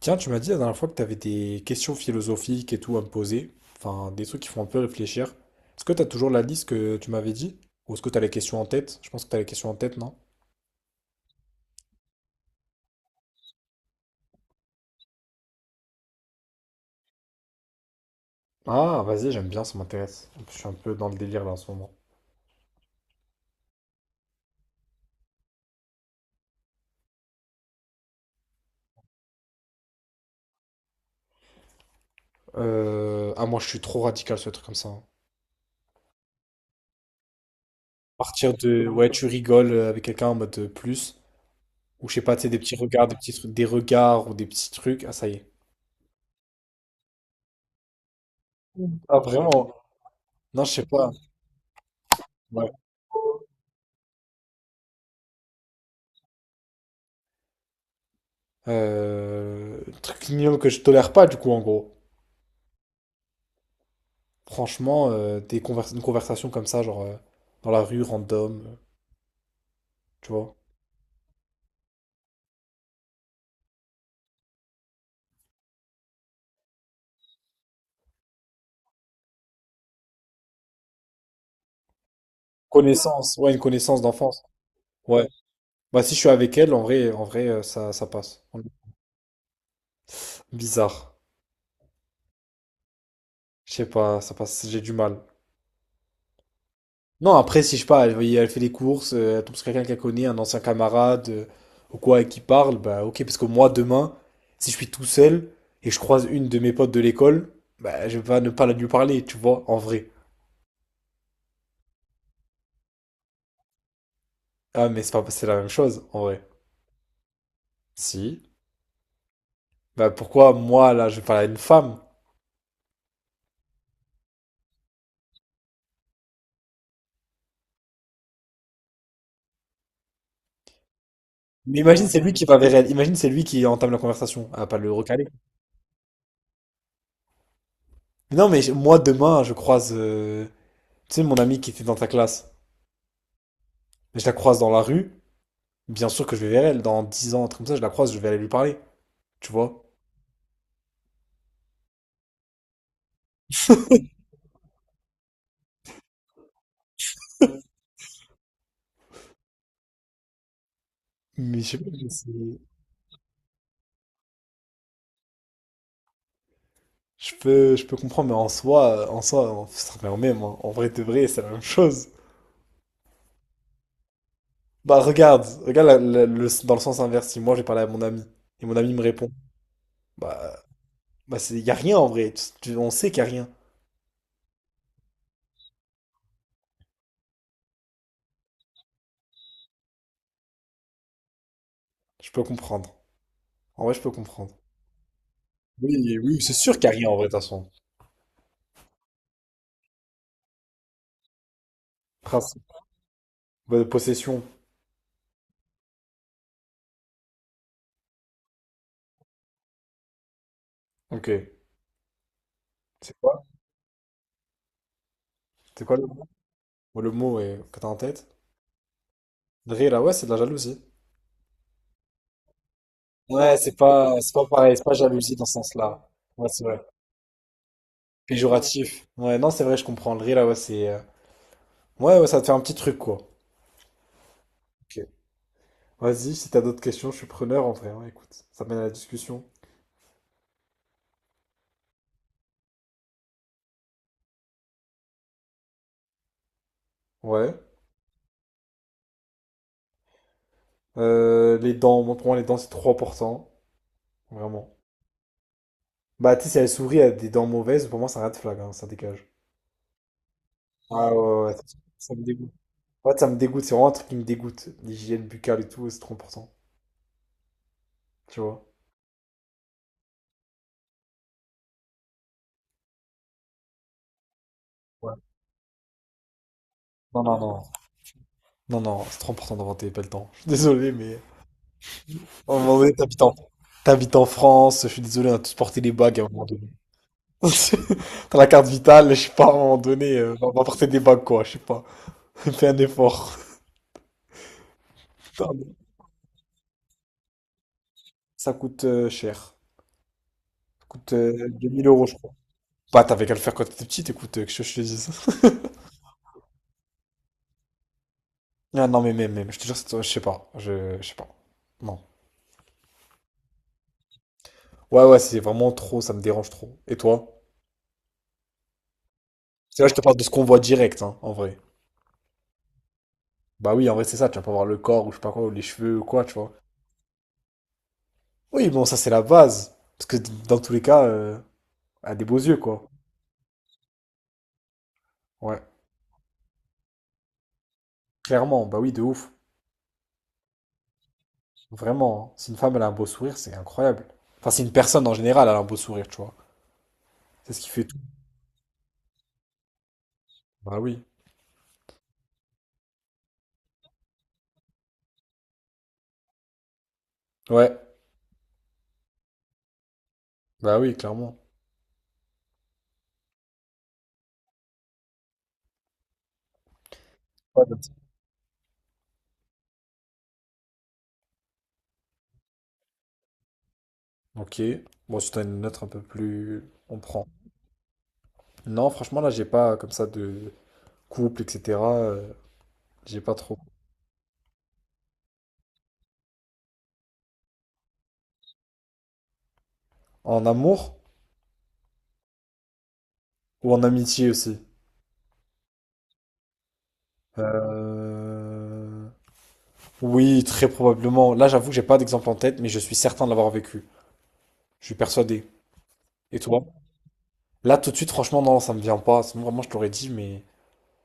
Tiens, tu m'as dit la dernière fois que tu avais des questions philosophiques et tout à me poser, enfin des trucs qui font un peu réfléchir. Est-ce que tu as toujours la liste que tu m'avais dit? Ou est-ce que tu as les questions en tête? Je pense que tu as les questions en tête, non? Ah, vas-y, j'aime bien, ça m'intéresse. Je suis un peu dans le délire là en ce moment. Ah, moi je suis trop radical ce truc comme ça, hein. Partir de, ouais, tu rigoles avec quelqu'un en mode plus, ou je sais pas, tu sais, des petits regards, des petits trucs, des regards ou des petits trucs. Ah, ça y est. Ah, vraiment? Non, je sais pas. Ouais. Truc mignon que je tolère pas du coup en gros. Franchement, une conversation comme ça, genre dans la rue, random, tu vois. Connaissance, ouais, une connaissance d'enfance. Ouais. Bah si je suis avec elle, en vrai, ça, ça passe. Bizarre. Je sais pas, ça passe, j'ai du mal. Non, après, si je sais pas, elle, elle fait les courses, elle tombe sur quelqu'un qu'elle connaît, un ancien camarade, ou quoi, et qui parle, bah ok, parce que moi, demain, si je suis tout seul et que je croise une de mes potes de l'école, bah je vais pas ne pas la lui parler, tu vois, en vrai. Ah, mais c'est pas, c'est la même chose, en vrai. Si. Bah pourquoi moi là je parle à une femme? Mais imagine c'est lui qui va vers elle. Imagine c'est lui qui entame la conversation. Ah pas le recaler. Non mais moi demain je croise tu sais, mon amie qui était dans ta classe. Je la croise dans la rue. Bien sûr que je vais vers elle. Dans 10 ans, un truc comme ça, je la croise, je vais aller lui parler. Tu vois? Mais je sais pas, je sais- Je peux, je peux comprendre, mais en soi, ça revient au même, hein. En vrai de vrai, c'est la même chose. Bah regarde, dans le sens inverse. Si moi j'ai parlé à mon ami et mon ami me répond, bah bah c'est y a rien en vrai. On sait qu'il y a rien. Je peux comprendre. En vrai, je peux comprendre. Oui, oui, c'est sûr Carrie en vrai, de toute façon. Principe. Bah, de possession. Ok. C'est quoi? C'est quoi le mot? Ouais, le mot que t'as en tête? Drira, ouais, c'est de la jalousie. Ouais, c'est pas pareil, c'est pas jalousie dans ce sens-là. Ouais, c'est vrai. Péjoratif. Ouais, non, c'est vrai, je comprends. Le Drira, ouais, c'est. Ouais, ouais, ça te fait un petit truc, quoi. Ok. Vas-y, si t'as d'autres questions, je suis preneur en vrai, ouais. Écoute, ça mène à la discussion. Ouais. Les dents, moi, pour moi, les dents, c'est trop important. Vraiment. Bah, tu sais, si elle sourit, elle a des dents mauvaises, pour moi, c'est un red flag, hein, ça dégage. Ah ouais, ouais, ouais, ça me dégoûte. Ouais, ça me dégoûte, c'est vraiment un truc qui me dégoûte. L'hygiène buccale et tout, c'est trop important, tu vois. Ouais. Non, non, non. Non, non, c'est trop important d'inventer pas le temps. Je suis désolé, mais... À un moment donné, t'habites en France, je suis désolé, on a tous porté des bagues à un moment donné. T'as la carte vitale, je sais pas, à un moment donné, on va porter des bagues, quoi, je sais pas. Fais un effort. Putain, mais... Ça coûte cher. Ça coûte 2000 euros, je crois. Bah, t'avais qu'à le faire quand t'étais petit, écoute, que je te dise. Ah non, mais même, même, je te jure, je sais pas, je sais pas. Non. Ouais, ouais, si c'est vraiment trop, ça me dérange trop. Et toi? C'est là, je te parle de ce qu'on voit direct, hein, en vrai. Bah oui, en vrai, c'est ça, tu vas pas voir le corps, ou je sais pas quoi, ou les cheveux, ou quoi, tu vois. Oui, bon, ça, c'est la base. Parce que dans tous les cas, elle a des beaux yeux, quoi. Ouais, clairement, bah oui, de ouf. Vraiment, hein. Si une femme, elle a un beau sourire, c'est incroyable. Enfin, si une personne, en général, elle a un beau sourire, tu vois. C'est ce qui fait tout. Bah oui. Ouais, bah oui, clairement. Ouais, bah- Ok. Bon, si t'en as une autre un peu plus, on prend. Non, franchement, là, j'ai pas comme ça de couple, etc. J'ai pas trop. En amour ou en amitié aussi? Euh, Oui, très probablement. Là, j'avoue que j'ai pas d'exemple en tête, mais je suis certain de l'avoir vécu. Je suis persuadé. Et toi? Là, tout de suite, franchement, non, ça me vient pas. Sinon, vraiment, je te l'aurais dit, mais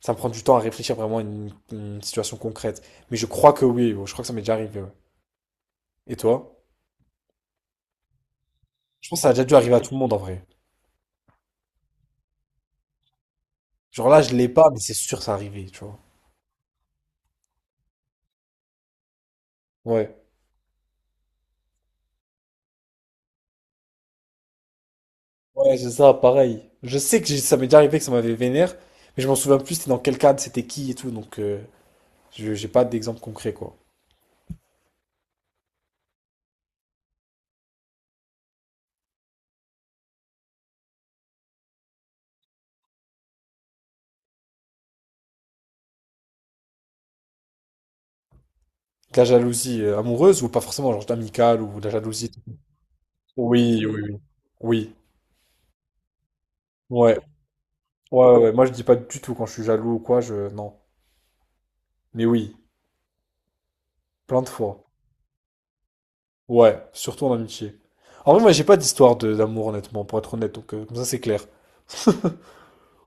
ça me prend du temps à réfléchir vraiment à une situation concrète. Mais je crois que oui, ouais, je crois que ça m'est déjà arrivé, ouais. Et toi? Je pense que ça a déjà dû arriver à tout le monde en vrai. Genre là, je l'ai pas, mais c'est sûr que ça arrivé, tu vois. Ouais. Ouais, c'est ça, pareil. Je sais que ça m'est déjà arrivé que ça m'avait vénère, mais je m'en souviens plus, c'était dans quel cadre, c'était qui et tout, donc je j'ai pas d'exemple concret, quoi. De la jalousie amoureuse ou pas forcément, genre amicale ou de la jalousie. Oui, oui, oui. Oui, ouais. Ouais, ouais, ouais. Moi, je dis pas du tout quand je suis jaloux ou quoi, je... Non. Mais oui, plein de fois. Ouais, surtout en amitié. En vrai, moi, j'ai pas d'amour, honnêtement, pour être honnête, donc comme ça, c'est clair.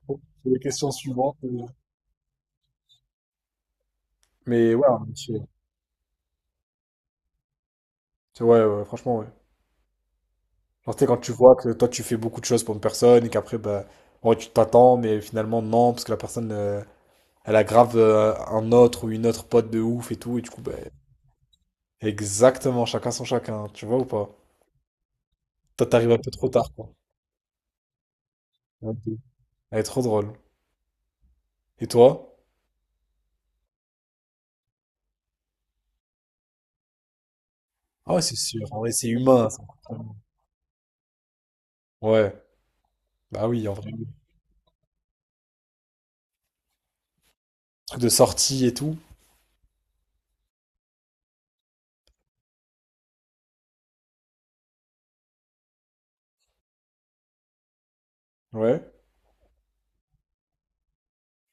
Bon, c'est la question suivante. Mais ouais, en amitié. Ouais, ouais, franchement, ouais. Genre, tu sais, quand tu vois que toi, tu fais beaucoup de choses pour une personne et qu'après, bah, ouais, tu t'attends, mais finalement, non, parce que la personne, elle aggrave un autre ou une autre pote de ouf et tout, et du coup, bah, exactement, chacun son chacun, tu vois ou pas? Toi, t'arrives un peu trop tard, quoi. Un peu. Elle est trop drôle. Et toi? Ah ouais, c'est sûr, en vrai, c'est humain, ça. Ouais, bah oui, en vrai, oui. Truc de sortie et tout. Ouais,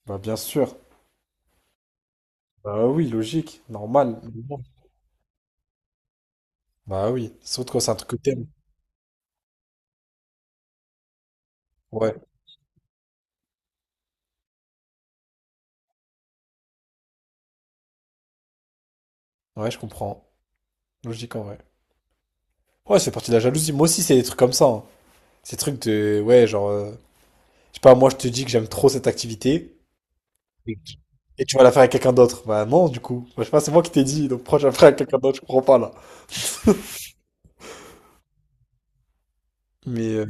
bah bien sûr. Bah oui, logique, normal. Bah oui, surtout quand c'est un truc que t'aimes. Ouais, ouais, je comprends. Logique en vrai. Ouais, c'est parti de la jalousie. Moi aussi, c'est des trucs comme ça, hein. Ces trucs de, ouais, genre, je sais pas, moi je te dis que j'aime trop cette activité et tu vas la faire avec quelqu'un d'autre. Bah non, du coup. Moi, je sais pas, c'est moi qui t'ai dit, donc pourquoi je la ferais avec quelqu'un d'autre? Je comprends pas là. Mais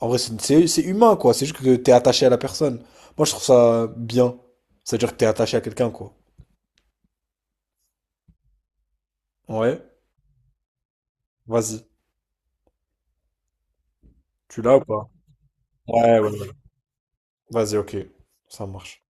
en vrai, c'est humain quoi. C'est juste que t'es attaché à la personne. Moi, je trouve ça bien. C'est-à-dire que t'es attaché à quelqu'un quoi. Ouais, vas-y. Tu l'as ou pas? Ouais, ouais, ouais. Vas-y, ok. Ça marche.